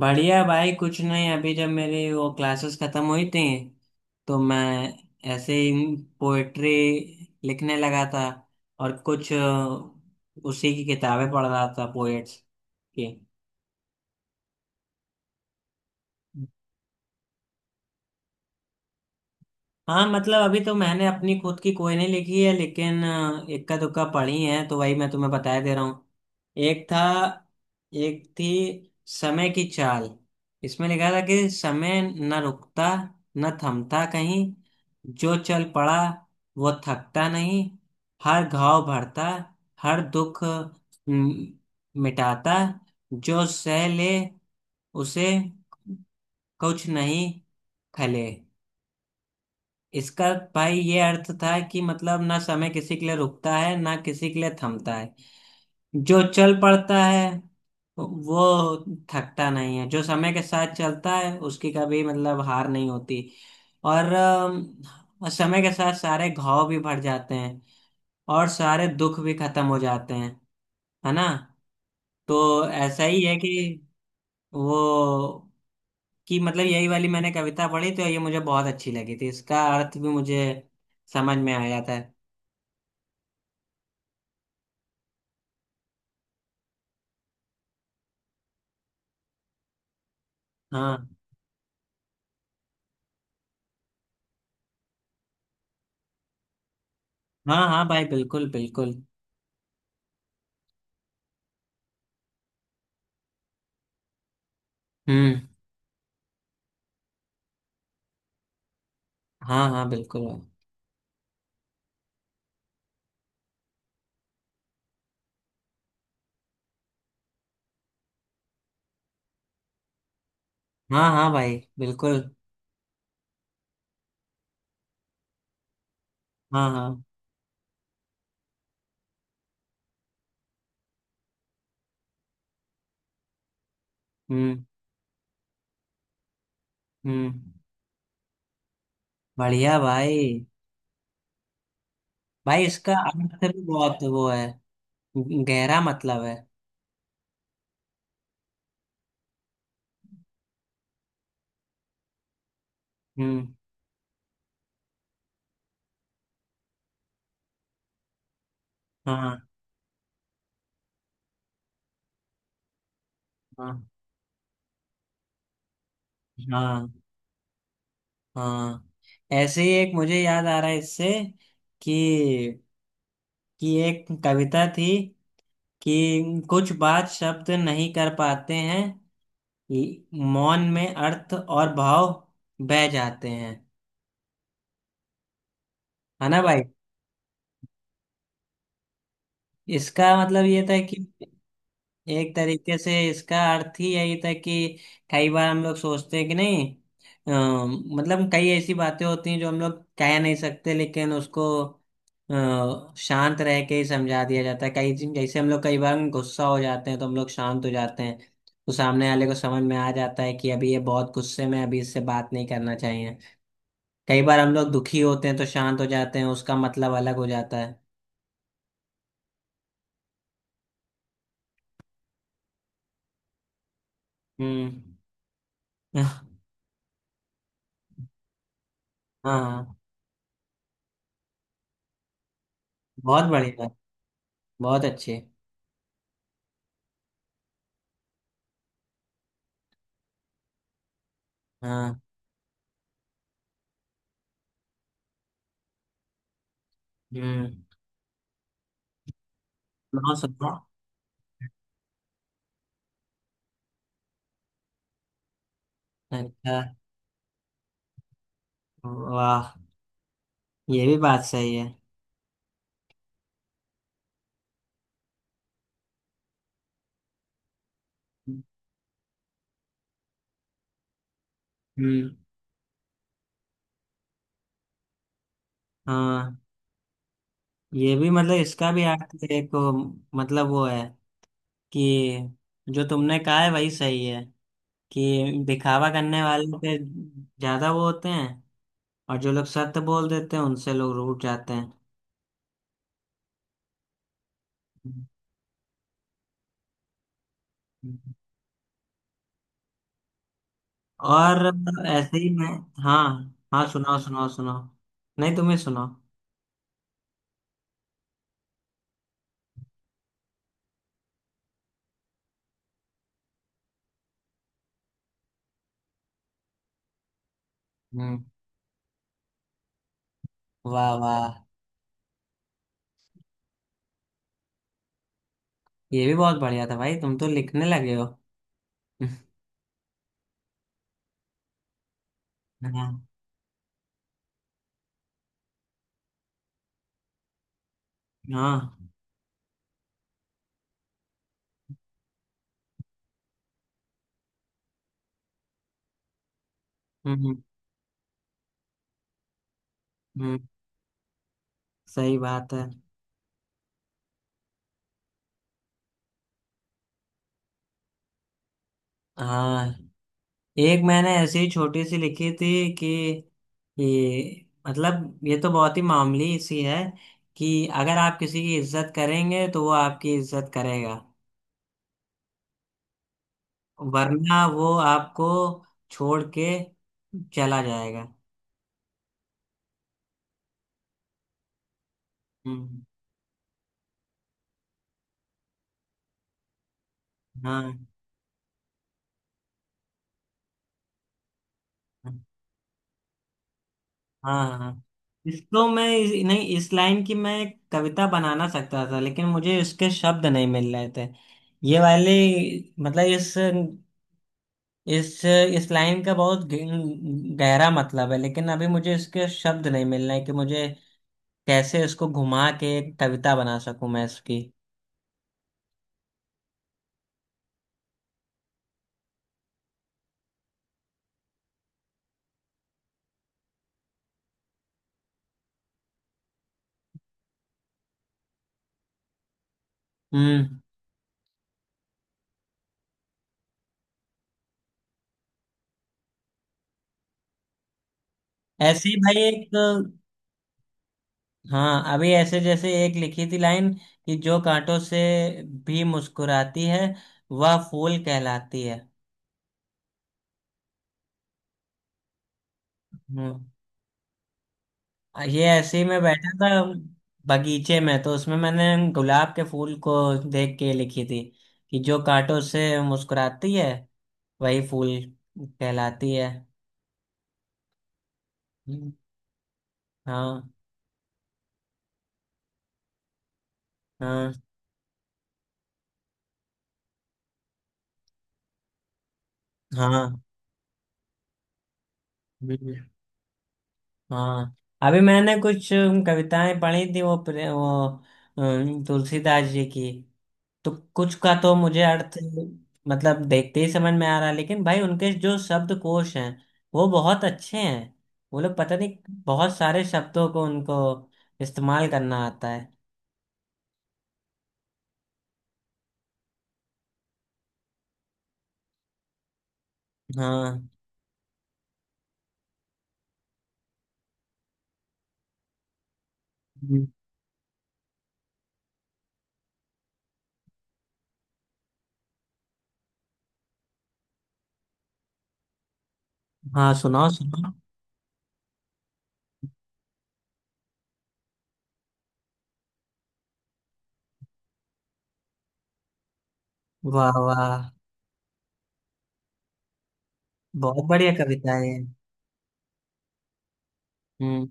बढ़िया भाई। कुछ नहीं, अभी जब मेरी वो क्लासेस खत्म हुई थी तो मैं ऐसे ही पोएट्री लिखने लगा था और कुछ उसी की किताबें पढ़ रहा था पोएट्स की। हाँ मतलब अभी तो मैंने अपनी खुद की कोई नहीं लिखी है लेकिन इक्का दुक्का पढ़ी है तो वही मैं तुम्हें बताया दे रहा हूँ। एक था। एक थी समय की चाल। इसमें लिखा था कि समय न रुकता न थमता कहीं। जो चल पड़ा वो थकता नहीं। हर घाव भरता, हर दुख म, मिटाता। जो सह ले उसे कुछ नहीं खले। इसका भाई ये अर्थ था कि मतलब ना समय किसी के लिए रुकता है ना किसी के लिए थमता है। जो चल पड़ता है वो थकता नहीं है। जो समय के साथ चलता है उसकी कभी मतलब हार नहीं होती। और समय के साथ सारे घाव भी भर जाते हैं और सारे दुख भी खत्म हो जाते हैं, है ना? तो ऐसा ही है कि वो कि मतलब यही वाली मैंने कविता पढ़ी तो ये मुझे बहुत अच्छी लगी थी। इसका अर्थ भी मुझे समझ में आया था। हाँ। हाँ हाँ भाई, बिल्कुल बिल्कुल। हम्म। हाँ हाँ बिल्कुल भाई। हाँ हाँ भाई बिल्कुल। हाँ हाँ। हम्म। हम्म। बढ़िया भाई। भाई इसका अर्थ भी बहुत वो है। गहरा मतलब है। हम्म। हाँ। हाँ। हाँ। हाँ। ऐसे ही एक मुझे याद आ रहा है इससे कि कि एक कविता थी कि कुछ बात शब्द नहीं कर पाते हैं, मौन में अर्थ और भाव बह जाते हैं, है ना भाई? इसका मतलब ये था कि एक तरीके से इसका अर्थ ही यही था कि कई बार हम लोग सोचते हैं कि नहीं, अ, मतलब कई ऐसी बातें होती हैं जो हम लोग कह नहीं सकते लेकिन उसको शांत रह के ही समझा दिया जाता है। कई जैसे हम लोग कई बार गुस्सा हो जाते हैं तो हम लोग शांत हो जाते हैं, तो सामने वाले को समझ में आ जाता है कि अभी ये बहुत गुस्से में है, अभी इससे बात नहीं करना चाहिए। कई बार हम लोग दुखी होते हैं तो शांत हो जाते हैं, उसका मतलब अलग हो जाता है। हम्म। हाँ बहुत बढ़िया। बहुत अच्छे। हाँ। हम्म। सुनाओ सुनाओ। अच्छा। वाह। ये भी बात सही है। हम्म। हाँ ये भी मतलब इसका भी अर्थ एक मतलब वो है कि जो तुमने कहा है वही सही है, कि दिखावा करने वाले पे ज्यादा वो होते हैं और जो लोग सत्य बोल देते हैं उनसे लोग रूठ जाते हैं। हम्म। और ऐसे ही मैं। हाँ हाँ सुनाओ सुनाओ सुनाओ। नहीं, तुम्हें सुनाओ। हम्म। वाह वाह। ये भी बहुत बढ़िया था भाई, तुम तो लिखने लगे हो। हाँ हाँ। हम्म। हम्म। सही बात है। हाँ एक मैंने ऐसी छोटी सी लिखी थी, कि ये मतलब ये तो बहुत ही मामूली सी है कि अगर आप किसी की इज्जत करेंगे तो वो आपकी इज्जत करेगा, वरना वो आपको छोड़ के चला जाएगा। हम्म। हाँ हाँ हाँ। इसको मैं नहीं, इस लाइन की मैं एक कविता बनाना सकता था लेकिन मुझे इसके शब्द नहीं मिल रहे थे। ये वाली मतलब इस इस इस लाइन का बहुत गहरा मतलब है लेकिन अभी मुझे इसके शब्द नहीं मिल रहे हैं कि मुझे कैसे इसको घुमा के एक कविता बना सकूं मैं इसकी। हम्म। ऐसे ही भाई एक। हाँ अभी ऐसे जैसे एक लिखी थी लाइन, कि जो कांटों से भी मुस्कुराती है वह फूल कहलाती है। हम्म। ये ऐसे ही मैं बैठा था बगीचे में तो उसमें मैंने गुलाब के फूल को देख के लिखी थी, कि जो कांटों से मुस्कुराती है वही फूल कहलाती है। हम्म। हाँ। हाँ। हाँ। हम्म। हाँ अभी मैंने कुछ कविताएं पढ़ी थी, वो तुलसीदास जी की। तो कुछ का तो मुझे अर्थ मतलब देखते ही समझ में आ रहा है लेकिन भाई उनके जो शब्दकोश हैं वो बहुत अच्छे हैं। वो लोग पता नहीं बहुत सारे शब्दों को उनको इस्तेमाल करना आता है। हाँ। हम्म। हाँ सुनाओ सुनाओ। वाह वाह। बहुत बढ़िया कविता है ये। हम्म।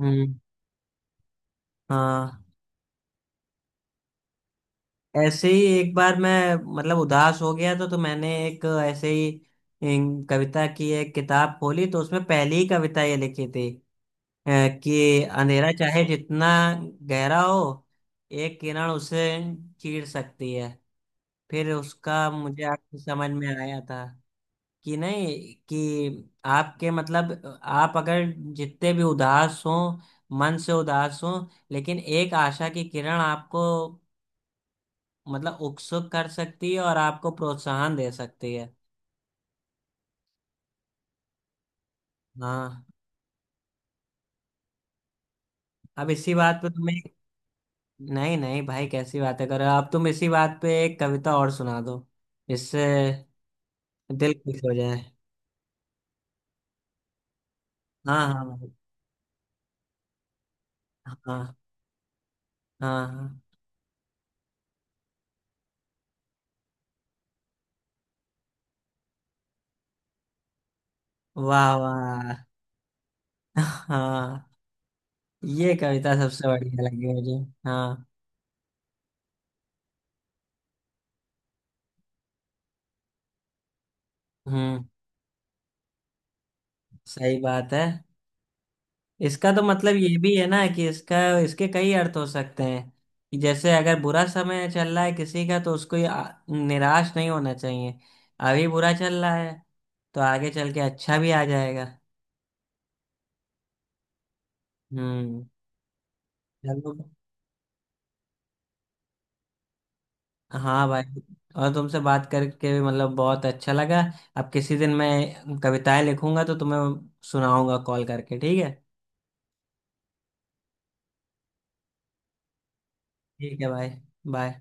हम्म। हाँ। ऐसे ही एक बार मैं मतलब उदास हो गया तो मैंने एक ऐसे ही कविता की एक किताब खोली तो उसमें पहली ही कविता ये लिखी थी। अ, कि अंधेरा चाहे जितना गहरा हो एक किरण उसे चीर सकती है। फिर उसका मुझे आपकी समझ में आया था कि नहीं, कि आपके मतलब आप अगर जितने भी उदास हो, मन से उदास हो, लेकिन एक आशा की किरण आपको मतलब उत्सुक कर सकती है और आपको प्रोत्साहन दे सकती है। हाँ। अब इसी बात पे तुम्हें। नहीं नहीं भाई कैसी बातें कर रहे हो, अब तुम इसी बात पे एक कविता और सुना दो, इससे दिल खुश हो जाए। हाँ हाँ भाई। हाँ। हाँ। वाह वाह। हाँ। ये कविता सबसे बढ़िया लगी मुझे। हाँ। हम्म। सही बात है। इसका तो मतलब ये भी है ना, कि इसका इसके कई अर्थ हो सकते हैं, कि जैसे अगर बुरा समय चल रहा है किसी का तो उसको ये निराश नहीं होना चाहिए। अभी बुरा चल रहा है तो आगे चल के अच्छा भी आ जाएगा। हम्म। चलो। हाँ भाई। और तुमसे बात करके भी मतलब बहुत अच्छा लगा। अब किसी दिन मैं कविताएं लिखूंगा तो तुम्हें सुनाऊंगा कॉल करके, ठीक है? ठीक है भाई। बाय।